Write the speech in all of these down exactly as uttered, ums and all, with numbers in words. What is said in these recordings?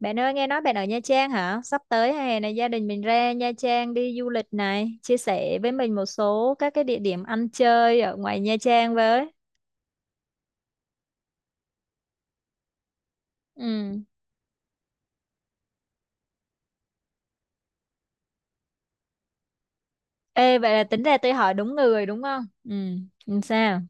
Bạn ơi, nghe nói bạn ở Nha Trang hả? Sắp tới hè này gia đình mình ra Nha Trang đi du lịch này, chia sẻ với mình một số các cái địa điểm ăn chơi ở ngoài Nha Trang với. Ừ. Ê, vậy là tính ra tôi hỏi đúng người đúng không? Ừ, làm sao?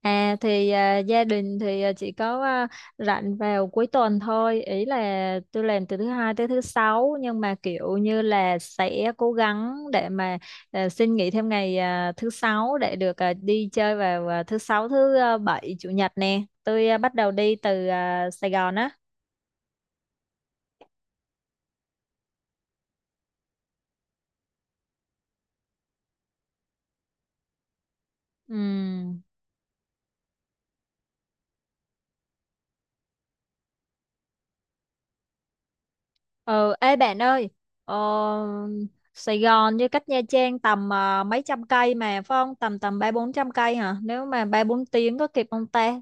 À thì à, gia đình thì à, chỉ có à, rảnh vào cuối tuần thôi, ý là tôi làm từ thứ hai tới thứ sáu, nhưng mà kiểu như là sẽ cố gắng để mà à, xin nghỉ thêm ngày à, thứ sáu để được à, đi chơi vào à, thứ sáu, thứ à, bảy, chủ nhật nè. Tôi à, bắt đầu đi từ à, Sài Gòn á. Ừ, ừ, ê bạn ơi, ờ, Sài Gòn với cách Nha Trang tầm à, mấy trăm cây mà phải không? Tầm tầm ba bốn trăm cây hả? Nếu mà ba bốn tiếng có kịp không ta?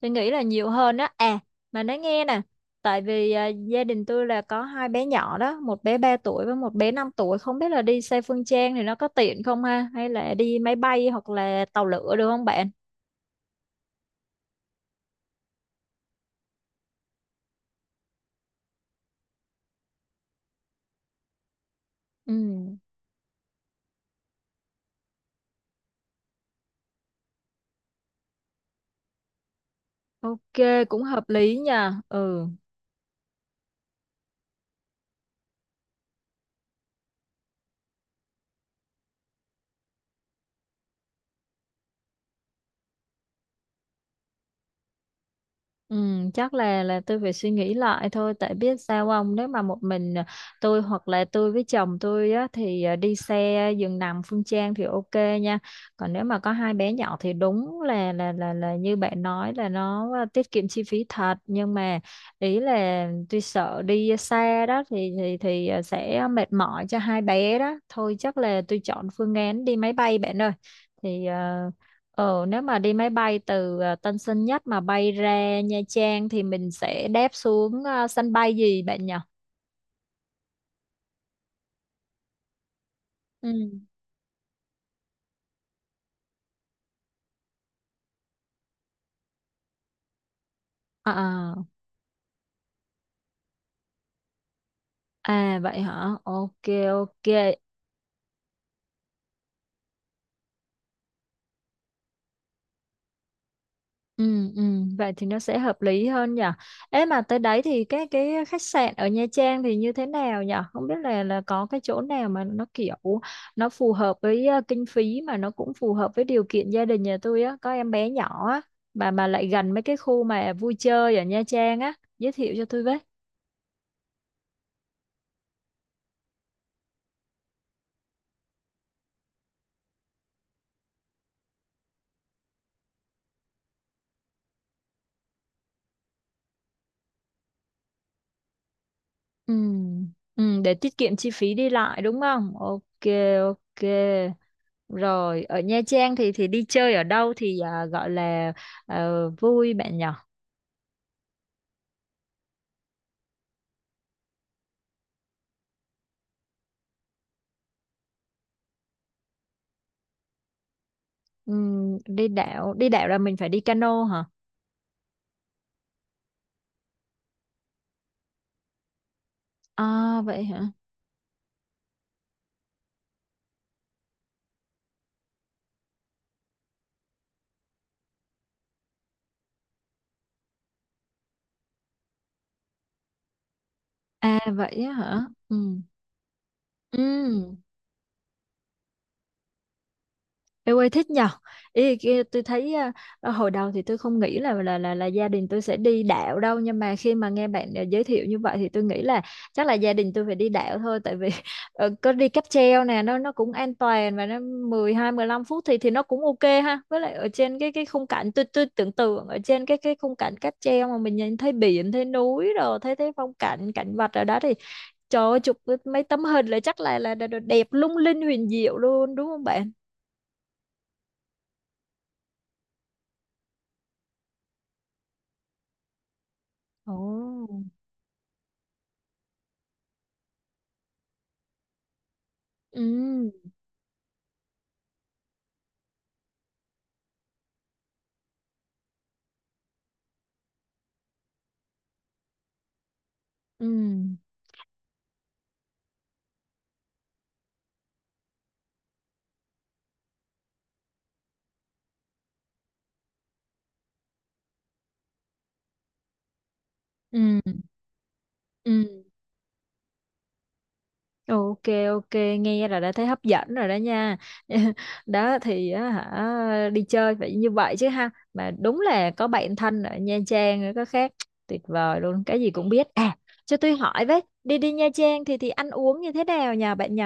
Tôi nghĩ là nhiều hơn á à mà nói nghe nè, tại vì à, gia đình tôi là có hai bé nhỏ đó, một bé ba tuổi với một bé năm tuổi, không biết là đi xe Phương Trang thì nó có tiện không ha, hay là đi máy bay hoặc là tàu lửa được không bạn? Ừ. OK cũng hợp lý nha. Ừ, ừ, chắc là là tôi phải suy nghĩ lại thôi, tại biết sao ông, nếu mà một mình à, tôi hoặc là tôi với chồng tôi á, thì à, đi xe giường nằm Phương Trang thì OK nha. Còn nếu mà có hai bé nhỏ thì đúng là là là là như bạn nói, là nó à, tiết kiệm chi phí thật, nhưng mà ý là tôi sợ đi xa đó thì thì thì à, sẽ mệt mỏi cho hai bé đó thôi, chắc là tôi chọn phương án đi máy bay bạn ơi, thì à, Ờ, nếu mà đi máy bay từ à, Tân Sơn Nhất mà bay ra Nha Trang thì mình sẽ đáp xuống à, sân bay gì bạn nhỉ? Ừ. À, à, à, vậy hả? OK, OK. Ừ, ừ, vậy thì nó sẽ hợp lý hơn nhỉ. Ê mà tới đấy thì cái cái khách sạn ở Nha Trang thì như thế nào nhỉ? Không biết là là có cái chỗ nào mà nó kiểu nó phù hợp với ờ, kinh phí, mà nó cũng phù hợp với điều kiện gia đình nhà tôi á, có em bé nhỏ á, mà mà lại gần mấy cái khu mà vui chơi ở Nha Trang á, giới thiệu cho tôi với. Ừ, ừ, để tiết kiệm chi phí đi lại đúng không? OK, OK. Rồi, ở Nha Trang thì thì đi chơi ở đâu thì à, gọi là ờ, vui bạn nhỏ. Ừm, đi đảo, đi đảo là mình phải đi cano hả? À vậy hả? À vậy á hả? Ừ. Ừ. Em ơi thích nhờ, ý kia tôi thấy à, à, hồi đầu thì tôi không nghĩ là là là là gia đình tôi sẽ đi đạo đâu, nhưng mà khi mà nghe bạn à, giới thiệu như vậy thì tôi nghĩ là chắc là gia đình tôi phải đi đạo thôi, tại vì ờ, có đi cáp treo nè, nó nó cũng an toàn, và nó mười hai mười 15 phút thì thì nó cũng OK ha, với lại ở trên cái cái khung cảnh, tôi tôi tưởng tượng ở trên cái cái khung cảnh cáp treo mà mình nhìn thấy biển, thấy núi, rồi thấy thấy phong cảnh, cảnh vật ở đó thì trời ơi, chụp mấy tấm hình là chắc là là, là đẹp lung linh huyền diệu luôn đúng không bạn? Ồ. Ừ, ừ, ừ, ừ. OK, OK, nghe là đã thấy hấp dẫn rồi đó nha. Đó thì á hả, đi chơi phải như vậy chứ ha. Mà đúng là có bạn thân ở Nha Trang nữa có khác. Tuyệt vời luôn, cái gì cũng biết. À, cho tôi hỏi với, đi đi Nha Trang thì thì ăn uống như thế nào nhà bạn nhỉ?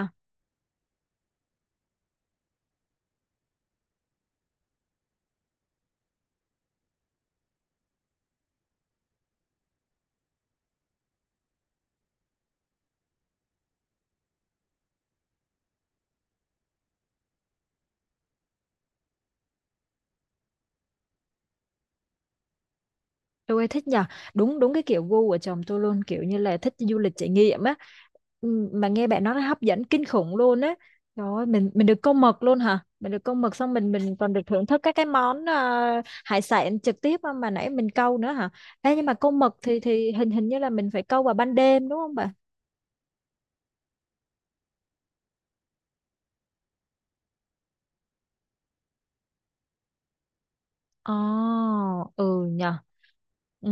Ôi thích nhờ, đúng đúng cái kiểu gu của chồng tôi luôn, kiểu như là thích du lịch trải nghiệm á. Ừ, mà nghe bạn nói nó hấp dẫn kinh khủng luôn á, trời ơi, mình mình được câu mực luôn hả? Mình được câu mực, xong mình mình còn được thưởng thức các cái món ờ, hải sản trực tiếp mà nãy mình câu nữa hả? Ê, nhưng mà câu mực thì thì hình hình như là mình phải câu vào ban đêm đúng không bà? Ồ, ừ nhờ. Ừ,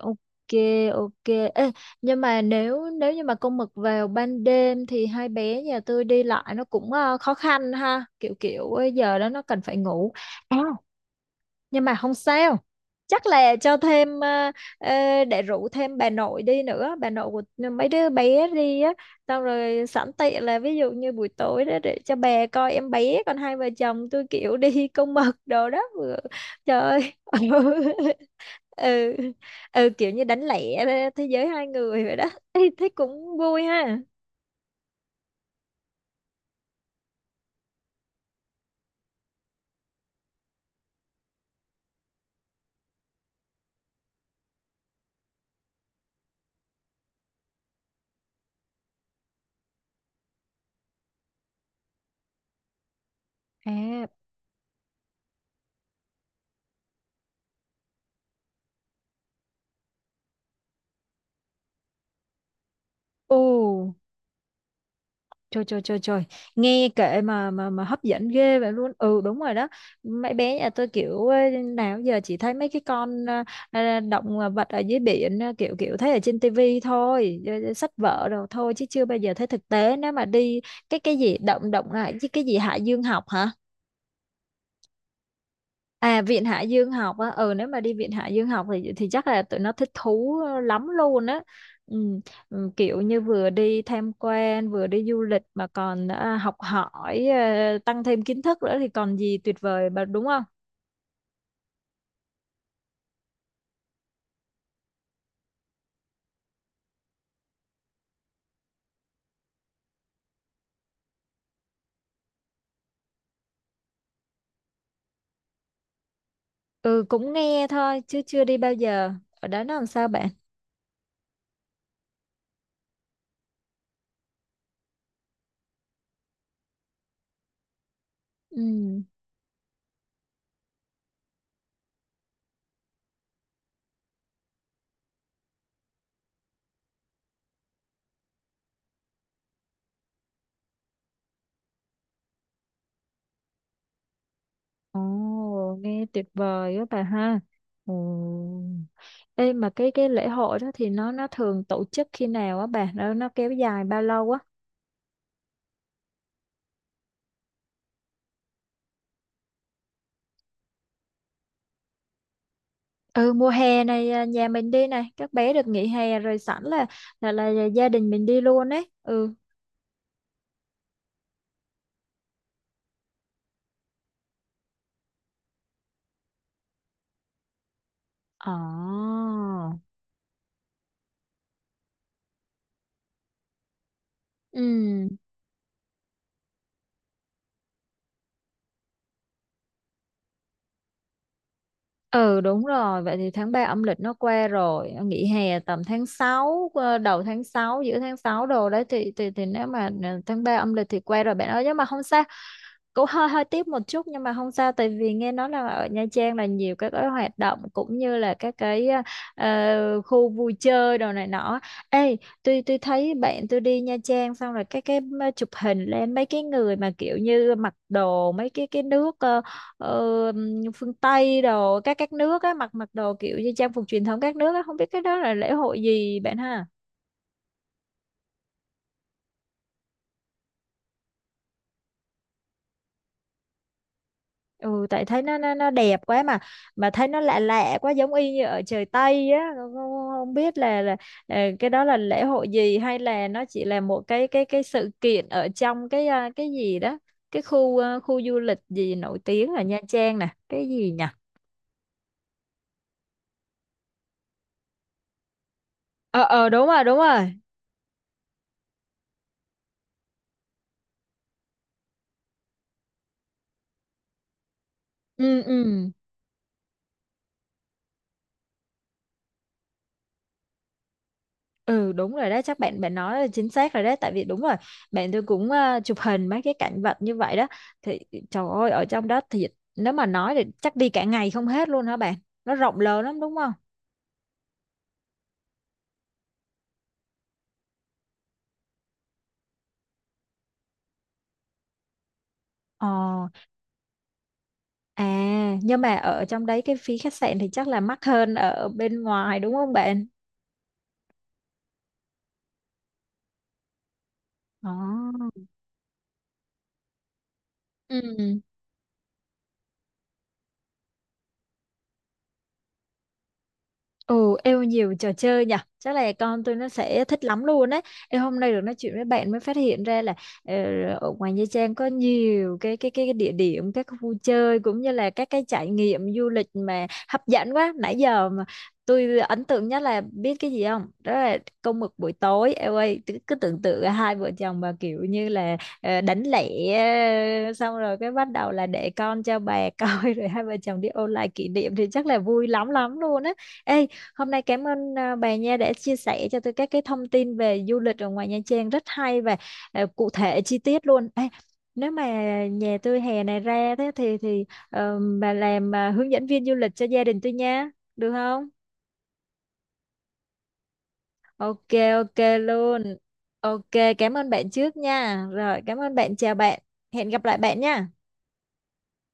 OK, OK. Ê, nhưng mà nếu nếu như mà con mực vào ban đêm thì hai bé nhà tôi đi lại nó cũng ờ, khó khăn ha. Kiểu kiểu ờ, giờ đó nó cần phải ngủ. À, nhưng mà không sao, chắc là cho thêm ờ, ờ, để rủ thêm bà nội đi nữa, bà nội của mấy đứa bé đi á, xong rồi sẵn tiện là ví dụ như buổi tối đó để cho bà coi em bé, còn hai vợ chồng tôi kiểu đi câu mực đồ đó vừa. Trời ơi ừ. Ừ, kiểu như đánh lẻ, thế giới hai người vậy đó. Ê, thế cũng vui ha. À, ồ, trời trời trời trời, nghe kệ mà mà mà hấp dẫn ghê vậy luôn. Ừ, đúng rồi đó, mấy bé nhà tôi kiểu ê, nào giờ chỉ thấy mấy cái con à, à, động vật ở dưới biển à, kiểu kiểu thấy ở trên tivi thôi à, à, sách vở rồi thôi, chứ chưa bao giờ thấy thực tế. Nếu mà đi cái cái gì động động lại, chứ cái gì Hải Dương Học hả? À, Viện Hải Dương Học á. Ừ, nếu mà đi Viện Hải Dương Học thì thì chắc là tụi nó thích thú lắm luôn á. Ừ, ừ, kiểu như vừa đi tham quan, vừa đi du lịch mà còn à, học hỏi à, tăng thêm kiến thức nữa thì còn gì tuyệt vời mà đúng không? Ừ, cũng nghe thôi chứ chưa đi bao giờ. Ở đó nó làm sao bạn? Ừ. Ồ, nghe tuyệt vời á bà ha. Ồ. Ê, mà cái cái lễ hội đó thì nó nó thường tổ chức khi nào á bà? Nó nó kéo dài bao lâu á? Ừ, mùa hè này à, nhà mình đi này, các bé được nghỉ hè rồi, sẵn là là là gia đình mình đi luôn ấy. Ừ. Ồ, ừ. Ừ, đúng rồi, vậy thì tháng ba âm lịch nó qua rồi, nghỉ hè tầm tháng sáu, ờ, đầu tháng sáu, giữa tháng sáu đồ đấy, thì thì thì nếu mà ờ, tháng ba âm lịch thì qua rồi bạn ơi, nhưng mà không sao, cũng hơi hơi tiếc một chút, nhưng mà không sao, tại vì nghe nói là ở Nha Trang là nhiều các cái hoạt động cũng như là các cái ờ, ờ, khu vui chơi đồ này nọ. Ê, tôi tôi thấy bạn tôi đi Nha Trang xong rồi cái cái ờ, chụp hình lên mấy cái người mà kiểu như mặc đồ mấy cái cái nước ờ, ờ, phương Tây đồ, các các nước á, mặc mặc đồ kiểu như trang phục truyền thống các nước á, không biết cái đó là lễ hội gì bạn ha. Ừ, tại thấy nó nó nó đẹp quá mà mà thấy nó lạ lạ quá, giống y như ở trời Tây á. Không, không, không biết là là ờ, cái đó là lễ hội gì, hay là nó chỉ là một cái cái cái sự kiện ở trong cái à, cái gì đó, cái khu à, khu du lịch gì nổi tiếng ở Nha Trang nè, cái gì nhỉ? Ờ, ờ, đúng rồi, đúng rồi. Ừ, ừ. Ừ, đúng rồi đó, chắc bạn bạn nói là chính xác rồi đấy, tại vì đúng rồi, bạn tôi cũng ờ, chụp hình mấy cái cảnh vật như vậy đó. Thì trời ơi, ở trong đó thì nếu mà nói thì chắc đi cả ngày không hết luôn hả bạn? Nó rộng lớn lắm đúng không? Ờ. À, nhưng mà ở trong đấy cái phí khách sạn thì chắc là mắc hơn ở bên ngoài đúng không bạn? Ồ. Ừ. Ừ, yêu nhiều trò chơi nhỉ. Chắc là con tôi nó sẽ thích lắm luôn đấy. Em hôm nay được nói chuyện với bạn mới phát hiện ra là ờ, ở ngoài Nha Trang có nhiều cái cái cái địa điểm, các khu chơi cũng như là các cái trải nghiệm du lịch mà hấp dẫn quá. Nãy giờ mà tôi ấn tượng nhất là biết cái gì không? Đó là câu mực buổi tối. Em ơi, cứ, cứ tưởng tượng hai vợ chồng mà kiểu như là ờ, đánh lẻ, ờ, xong rồi cái bắt đầu là để con cho bà coi rồi hai vợ chồng đi ôn lại kỷ niệm thì chắc là vui lắm lắm luôn á. Ê, hôm nay cảm ơn à, bà Nha đã chia sẻ cho tôi các cái thông tin về du lịch ở ngoài Nha Trang rất hay và à, cụ thể chi tiết luôn. Ê, nếu mà nhà tôi hè này ra thế thì thì ờ, bà làm à, hướng dẫn viên du lịch cho gia đình tôi nha, được không? OK, OK luôn. OK, cảm ơn bạn trước nha. Rồi, cảm ơn bạn, chào bạn. Hẹn gặp lại bạn nha.